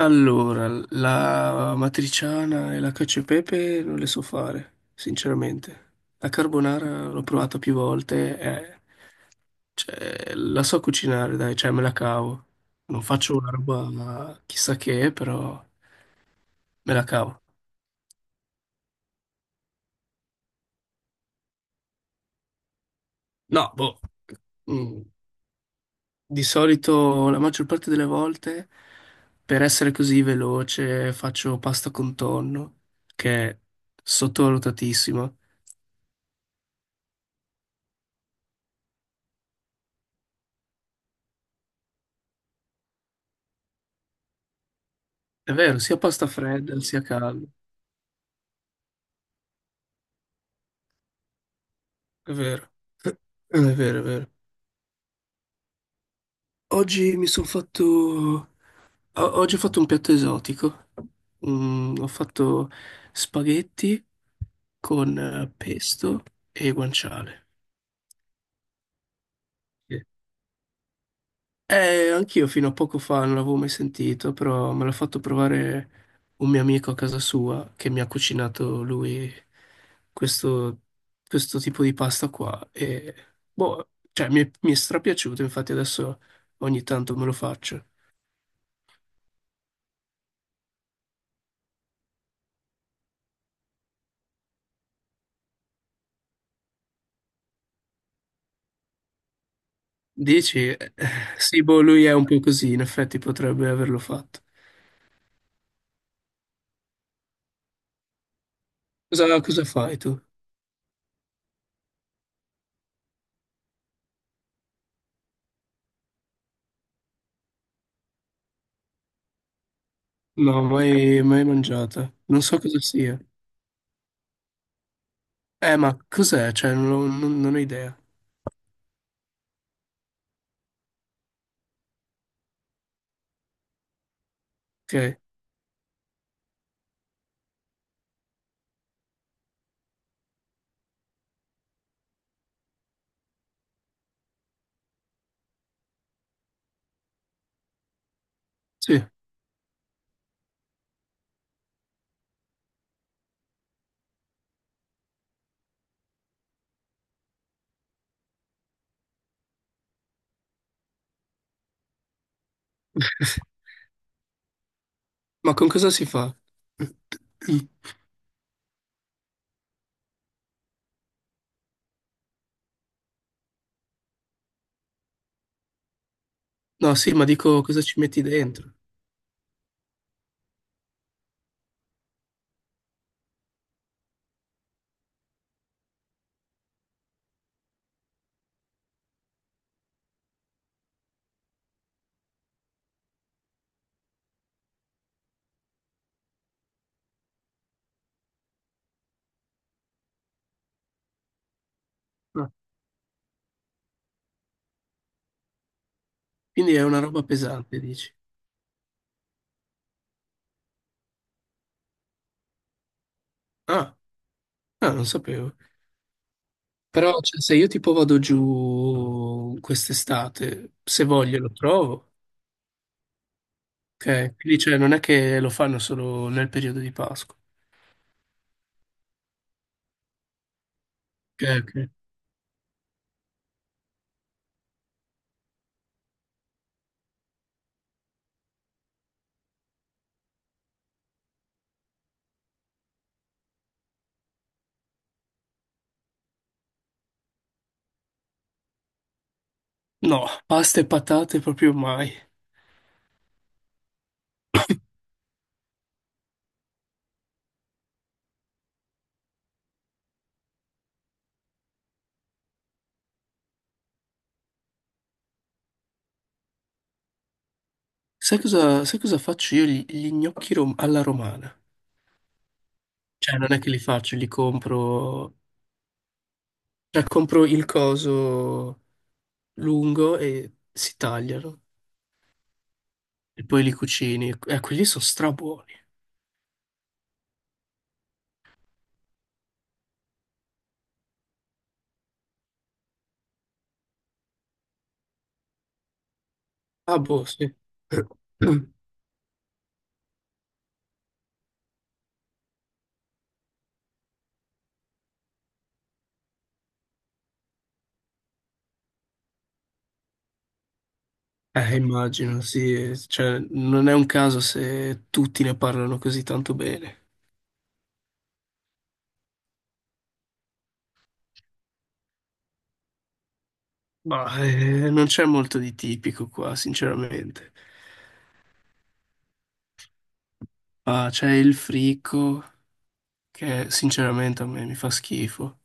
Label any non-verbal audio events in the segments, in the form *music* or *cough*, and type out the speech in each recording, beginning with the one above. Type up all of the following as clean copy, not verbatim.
Allora, la matriciana e la cacio e pepe non le so fare, sinceramente. La carbonara l'ho provata più volte, cioè, la so cucinare, dai, cioè me la cavo. Non faccio una roba chissà che, però me la cavo. No, boh. Mm, Di solito, la maggior parte delle volte, per essere così veloce, faccio pasta con tonno, che è sottovalutatissima. È vero, sia pasta fredda sia calda. È vero, è vero, è vero. Oggi mi sono fatto... o- Oggi ho fatto un piatto esotico. Ho fatto spaghetti con pesto e guanciale. Sì. Anch'io fino a poco fa non l'avevo mai sentito, però me l'ha fatto provare un mio amico a casa sua che mi ha cucinato lui questo, questo tipo di pasta qua. E, boh, cioè, mi è strapiaciuto, infatti adesso ogni tanto me lo faccio. Dici? Sì, boh, lui è un po' così, in effetti potrebbe averlo fatto. Cosa fai tu? No, mai, mai mangiata. Non so cosa sia. Ma cos'è? Cioè, non ho idea. Ok, sì. Ma con cosa si fa? *clears throat* No, sì, ma dico cosa ci metti dentro? No. Quindi è una roba pesante, dici? Ah, ah, non sapevo. Però cioè, se io tipo vado giù quest'estate, se voglio lo trovo. Ok, quindi cioè non è che lo fanno solo nel periodo di Pasqua. Ok, ok. No, pasta e patate proprio mai. Sai cosa faccio io? Alla romana. Cioè non è che li faccio, li compro... Cioè compro il coso lungo e si tagliano. E poi li cucini. Quelli sono strabuoni. Ah, boh, sì. *coughs* Immagino, sì. Cioè non è un caso se tutti ne parlano così tanto bene. Ma non c'è molto di tipico qua, sinceramente. Ah, c'è il fricco, che sinceramente a me mi fa schifo.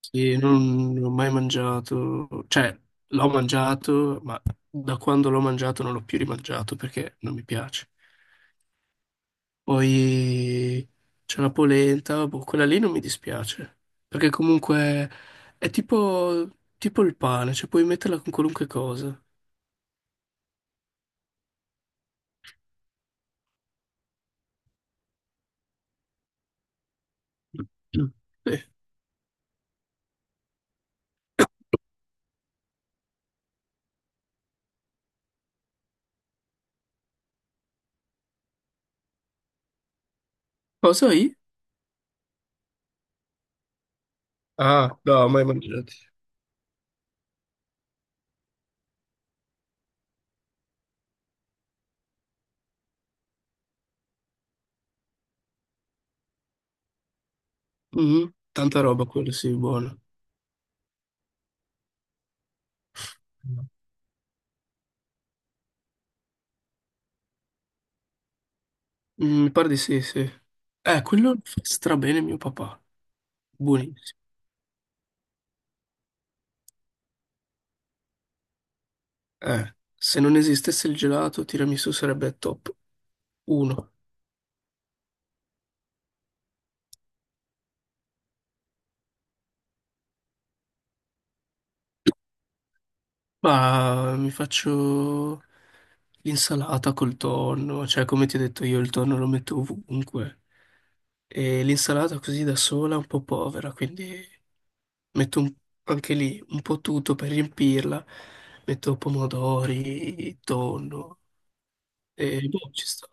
Sì, non ho mai mangiato, cioè l'ho mangiato, ma da quando l'ho mangiato non l'ho più rimangiato perché non mi piace. Poi c'è la polenta, boh, quella lì non mi dispiace, perché comunque è tipo, tipo il pane, cioè puoi metterla con qualunque cosa. Mm. Sì. *coughs* Cosa? Ah, no, mai mangiati. Mhm. Tanta roba quello, sì, buono. No. Mm. Mi pare di sì, sì. Quello lo fa strabene mio papà. Buonissimo. Se non esistesse il gelato, tiramisù sarebbe top 1. Ma mi faccio l'insalata col tonno, cioè come ti ho detto io il tonno lo metto ovunque. E l'insalata così da sola è un po' povera, quindi metto un- anche lì un po' tutto per riempirla. Metto pomodori, tonno e boh, ci sta.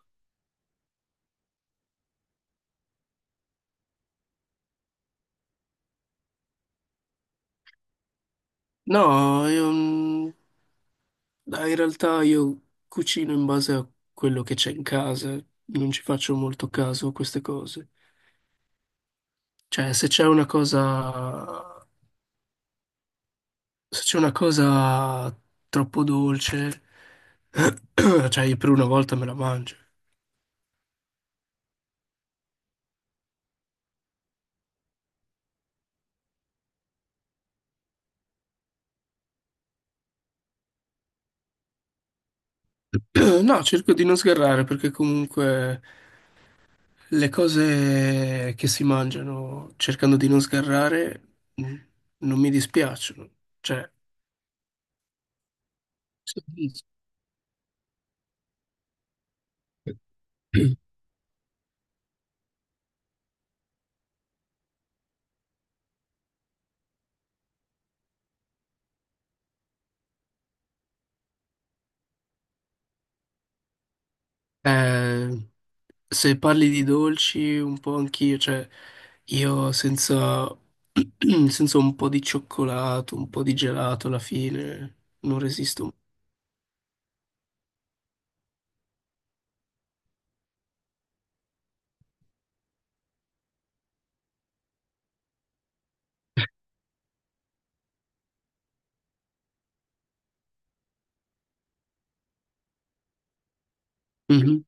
No, io, mm, dai, in realtà io cucino in base a quello che c'è in casa, non ci faccio molto caso a queste cose. Cioè, se c'è una cosa troppo dolce, *clears throat* cioè, io per una volta me la mangio. *clears throat* No, cerco di non sgarrare perché comunque le cose che si mangiano, cercando di non sgarrare, non mi dispiacciono. Cioè, sì. *clears throat* eh, Se parli di dolci, un po' anch'io, cioè, io senza, *clears throat* senza un po' di cioccolato, un po' di gelato alla fine, non resisto. Mhm.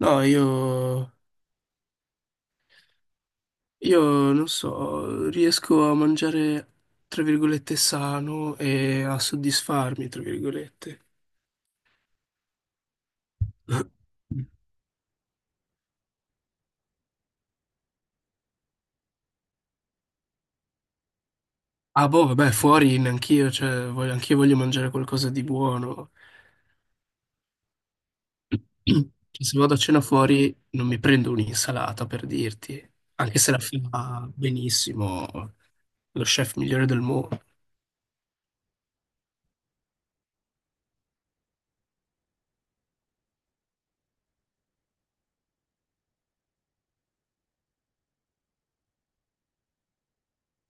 No, io Io non so, riesco a mangiare, tra virgolette, sano e a soddisfarmi, tra virgolette. Ah, boh, vabbè, fuori neanch'io, cioè, anch'io voglio mangiare qualcosa di buono. Cioè, se vado a cena fuori, non mi prendo un'insalata, per dirti, anche se la fa benissimo lo chef migliore del mondo.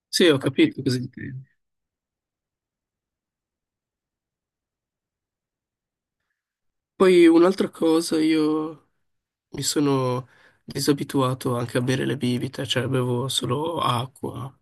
Sì, ho capito cosa intendi. Poi un'altra cosa, io Mi sono disabituato anche a bere le bibite, cioè bevo solo acqua,